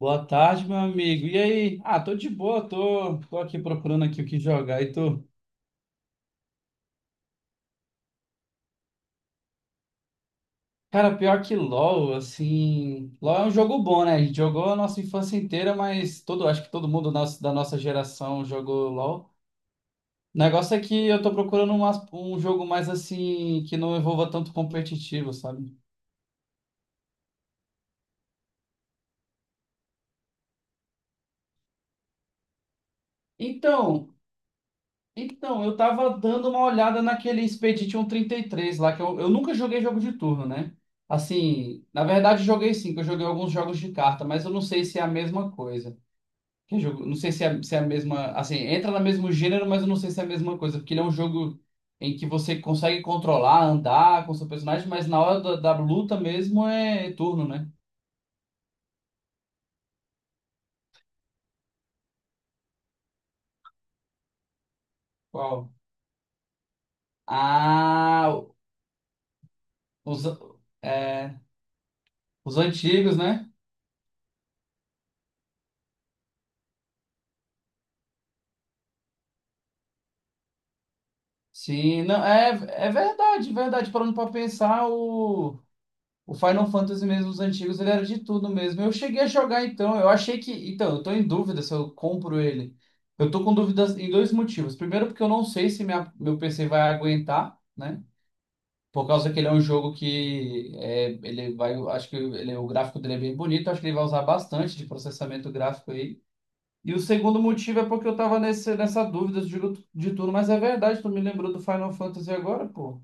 Boa tarde, meu amigo. E aí? Ah, tô de boa, tô aqui procurando aqui o que jogar e tô. Cara, pior que LoL, assim. LoL é um jogo bom, né? A gente jogou a nossa infância inteira, mas todo, acho que todo mundo da nossa geração jogou LoL. O negócio é que eu tô procurando um jogo mais assim, que não envolva tanto competitivo, sabe? Então, Então, eu tava dando uma olhada naquele Expedition 33 lá, que eu nunca joguei jogo de turno, né? Assim, na verdade joguei sim, que eu joguei alguns jogos de carta, mas eu não sei se é a mesma coisa. Que jogo, não sei se é, se é a mesma, assim, entra no mesmo gênero, mas eu não sei se é a mesma coisa, porque ele é um jogo em que você consegue controlar, andar com seu personagem, mas na hora da luta mesmo é turno, né? Qual? Ah, os, é, os antigos, né? Sim, não, é, é verdade, verdade. Parando pra pensar, o Final Fantasy mesmo, os antigos, ele era de tudo mesmo. Eu cheguei a jogar então, eu achei que. Então, eu tô em dúvida se eu compro ele. Eu tô com dúvidas em dois motivos. Primeiro, porque eu não sei se minha, meu PC vai aguentar, né? Por causa que ele é um jogo que é, ele vai, eu acho que ele, o gráfico dele é bem bonito, acho que ele vai usar bastante de processamento gráfico aí. E o segundo motivo é porque eu tava nessa dúvida de tudo, mas é verdade, tu me lembrou do Final Fantasy agora, pô.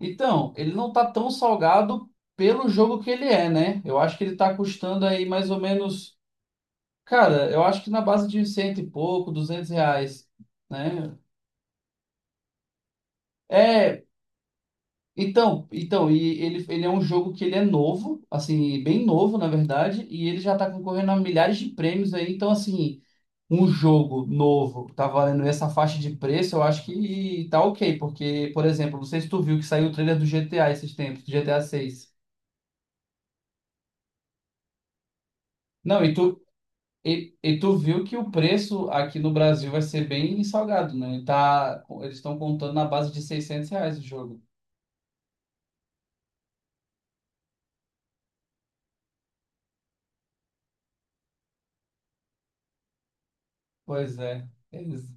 Então, ele não tá tão salgado pelo jogo que ele é, né? Eu acho que ele tá custando aí mais ou menos. Cara, eu acho que na base de cento e pouco, 200 reais, né? É, então, e ele é um jogo que ele é novo, assim, bem novo, na verdade, e ele já tá concorrendo a milhares de prêmios aí, então, assim, um jogo novo tá valendo essa faixa de preço, eu acho que tá ok, porque, por exemplo, não sei se tu viu que saiu o trailer do GTA esses tempos, do GTA 6. Não, e tu viu que o preço aqui no Brasil vai ser bem salgado, né? Ele tá, eles estão contando na base de 600 reais o jogo. Pois é. eles-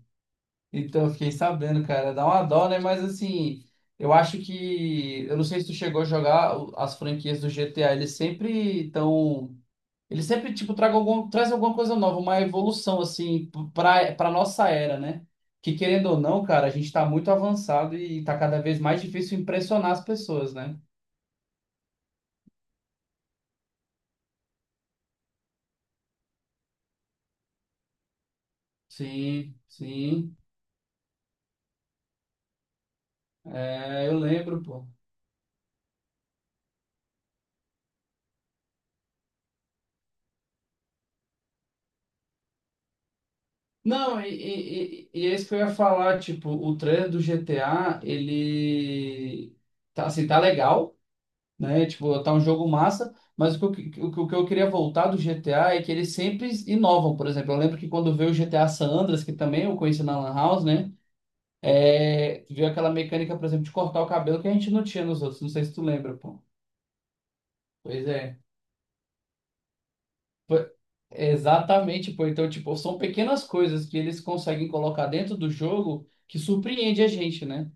Então, eu fiquei sabendo, cara. Dá uma dó, né? Mas, assim, eu acho que... Eu não sei se tu chegou a jogar as franquias do GTA. Eles sempre estão... Eles sempre, tipo, tragam algum, trazem alguma coisa nova, uma evolução, assim, pra, pra nossa era, né? Que, querendo ou não, cara, a gente tá muito avançado e tá cada vez mais difícil impressionar as pessoas, né? Sim, sim. É, eu lembro, pô. Não, e é isso que eu ia falar, tipo, o trailer do GTA, ele tá, assim, tá legal, né? Tipo, tá um jogo massa, mas o que eu queria voltar do GTA é que eles sempre inovam, por exemplo. Eu lembro que quando veio o GTA San Andreas, que também eu conheci na Lan House, né? É, veio aquela mecânica, por exemplo, de cortar o cabelo que a gente não tinha nos outros. Não sei se tu lembra, pô. Pois é. Foi- Exatamente, pô. Então, tipo, são pequenas coisas que eles conseguem colocar dentro do jogo que surpreende a gente, né?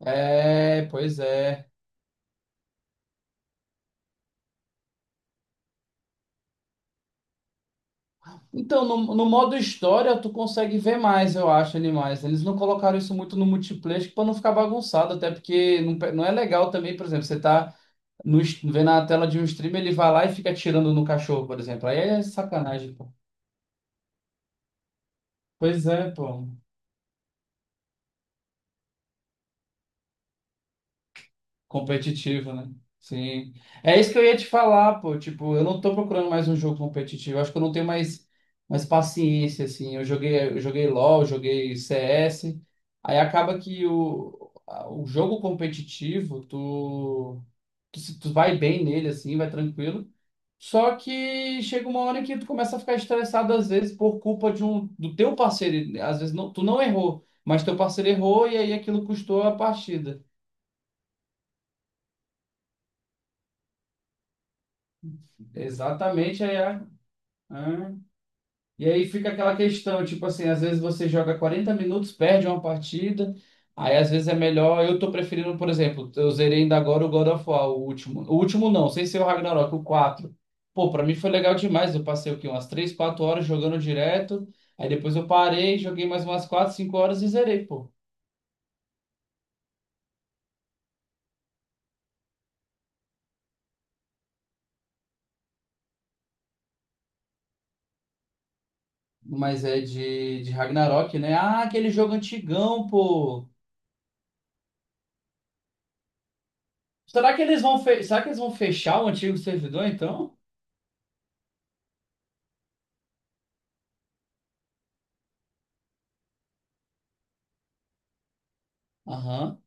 É, pois é. Então, no modo história, tu consegue ver mais, eu acho, animais. Eles não colocaram isso muito no multiplayer, acho que pra não ficar bagunçado, até porque não, não é legal também, por exemplo, você tá no, es- vendo a tela de um streamer, ele vai lá e fica atirando no cachorro, por exemplo. Aí é sacanagem, pô. Pois é, pô. Competitivo, né? Sim. É isso que eu ia te falar, pô. Tipo, eu não tô procurando mais um jogo competitivo. Eu acho que eu não tenho mais, mais paciência, assim. Eu joguei LoL, joguei CS. Aí acaba que o jogo competitivo, tu, tu vai bem nele, assim, vai tranquilo. Só que chega uma hora que tu começa a ficar estressado, às vezes, por culpa de um, do teu parceiro. Às vezes não, tu não errou, mas teu parceiro errou e aí aquilo custou a partida. Exatamente, aí né? E aí fica aquela questão, tipo assim, às vezes você joga 40 minutos, perde uma partida, aí às vezes é melhor. Eu tô preferindo, por exemplo, eu zerei ainda agora o God of War, o último. O último não, sem ser o Ragnarok, o quatro. Pô, pra mim foi legal demais. Eu passei o quê? Umas 3 4 horas jogando direto. Aí depois eu parei, joguei mais umas quatro cinco horas e zerei, pô. Mas é de Ragnarok, né? Ah, aquele jogo antigão, pô. Será que eles vão, será que eles vão fechar o antigo servidor, então? Aham.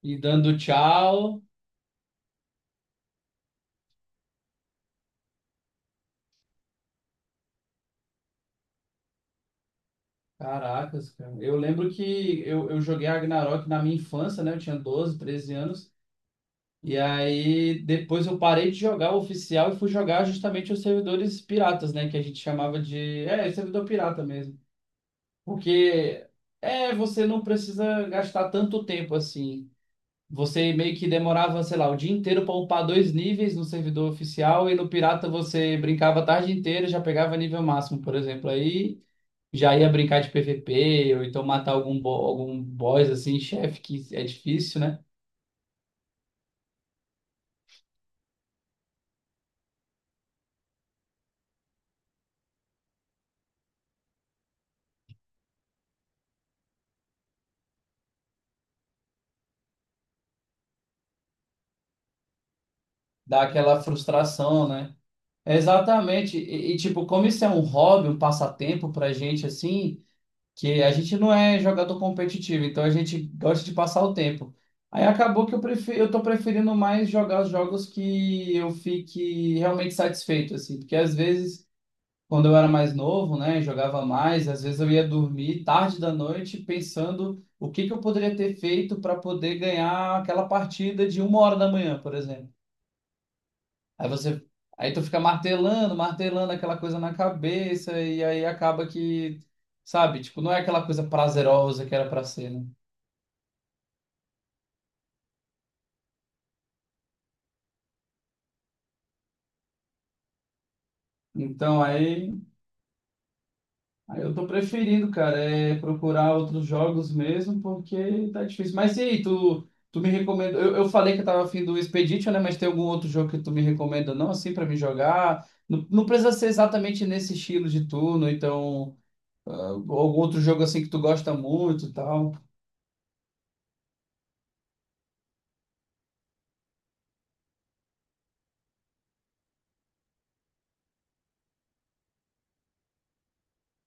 E dando tchau. Caracas, cara. Eu lembro que eu joguei Ragnarok na minha infância, né? Eu tinha 12 13 anos. E aí depois eu parei de jogar o oficial e fui jogar justamente os servidores piratas, né? Que a gente chamava de. É, servidor pirata mesmo. Porque é, você não precisa gastar tanto tempo assim. Você meio que demorava, sei lá, o dia inteiro para upar dois níveis no servidor oficial e no pirata você brincava a tarde inteira, e já pegava nível máximo, por exemplo. Aí já ia brincar de PVP, ou então matar algum, algum boss, assim, chefe, que é difícil, né? Dá aquela frustração, né? É, exatamente. E, tipo, como isso é um hobby, um passatempo pra gente, assim, que a gente não é jogador competitivo, então a gente gosta de passar o tempo. Aí acabou que eu prefiro, eu tô preferindo mais jogar os jogos que eu fique realmente satisfeito, assim, porque às vezes, quando eu era mais novo, né, jogava mais, às vezes eu ia dormir tarde da noite pensando o que que eu poderia ter feito para poder ganhar aquela partida de 1 hora da manhã, por exemplo. Aí você, aí tu fica martelando, martelando aquela coisa na cabeça e aí acaba que, sabe, tipo, não é aquela coisa prazerosa que era para ser, né? Então aí, ah, eu tô preferindo, cara, é procurar outros jogos mesmo, porque tá difícil. Mas e aí, tu me recomenda? Eu falei que eu tava afim do Expedition, né? Mas tem algum outro jogo que tu me recomenda, não, assim, pra me jogar? Não, não precisa ser exatamente nesse estilo de turno, então, ah, algum outro jogo assim que tu gosta muito e tal.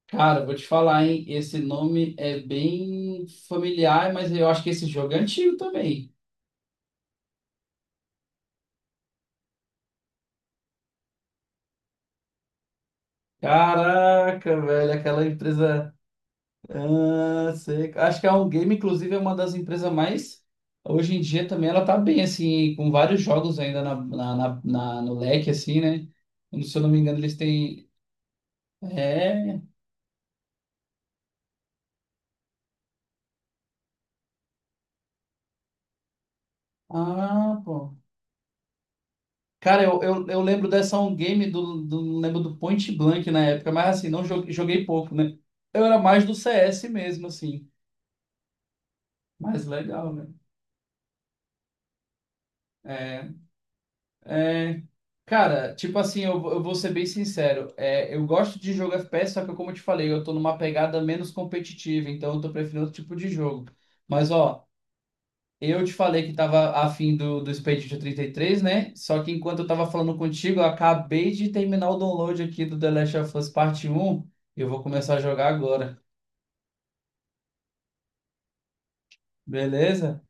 Cara, vou te falar, hein? Esse nome é bem familiar, mas eu acho que esse jogo é antigo também. Caraca, velho, aquela empresa. Ah, sei. Acho que a On Game, inclusive, é uma das empresas mais. Hoje em dia também ela tá bem, assim, com vários jogos ainda na, no leque, assim, né? Se eu não me engano, eles têm. É. Ah, pô. Cara, eu lembro dessa On Game, lembro do Point Blank na época, mas assim, não joguei, joguei pouco, né? Eu era mais do CS mesmo, assim. Mas legal, né? É. É. Cara, tipo assim, eu vou ser bem sincero. É, eu gosto de jogo FPS, só que como eu te falei, eu tô numa pegada menos competitiva, então eu tô preferindo outro tipo de jogo. Mas ó, eu te falei que tava afim do Expedition 33, né? Só que enquanto eu tava falando contigo, eu acabei de terminar o download aqui do The Last of Us Parte Um, e eu vou começar a jogar agora. Beleza?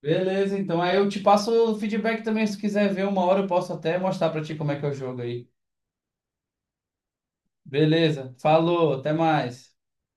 Beleza, então aí eu te passo o feedback também, se quiser ver uma hora, eu posso até mostrar pra ti como é que é o jogo aí. Beleza, falou, até mais.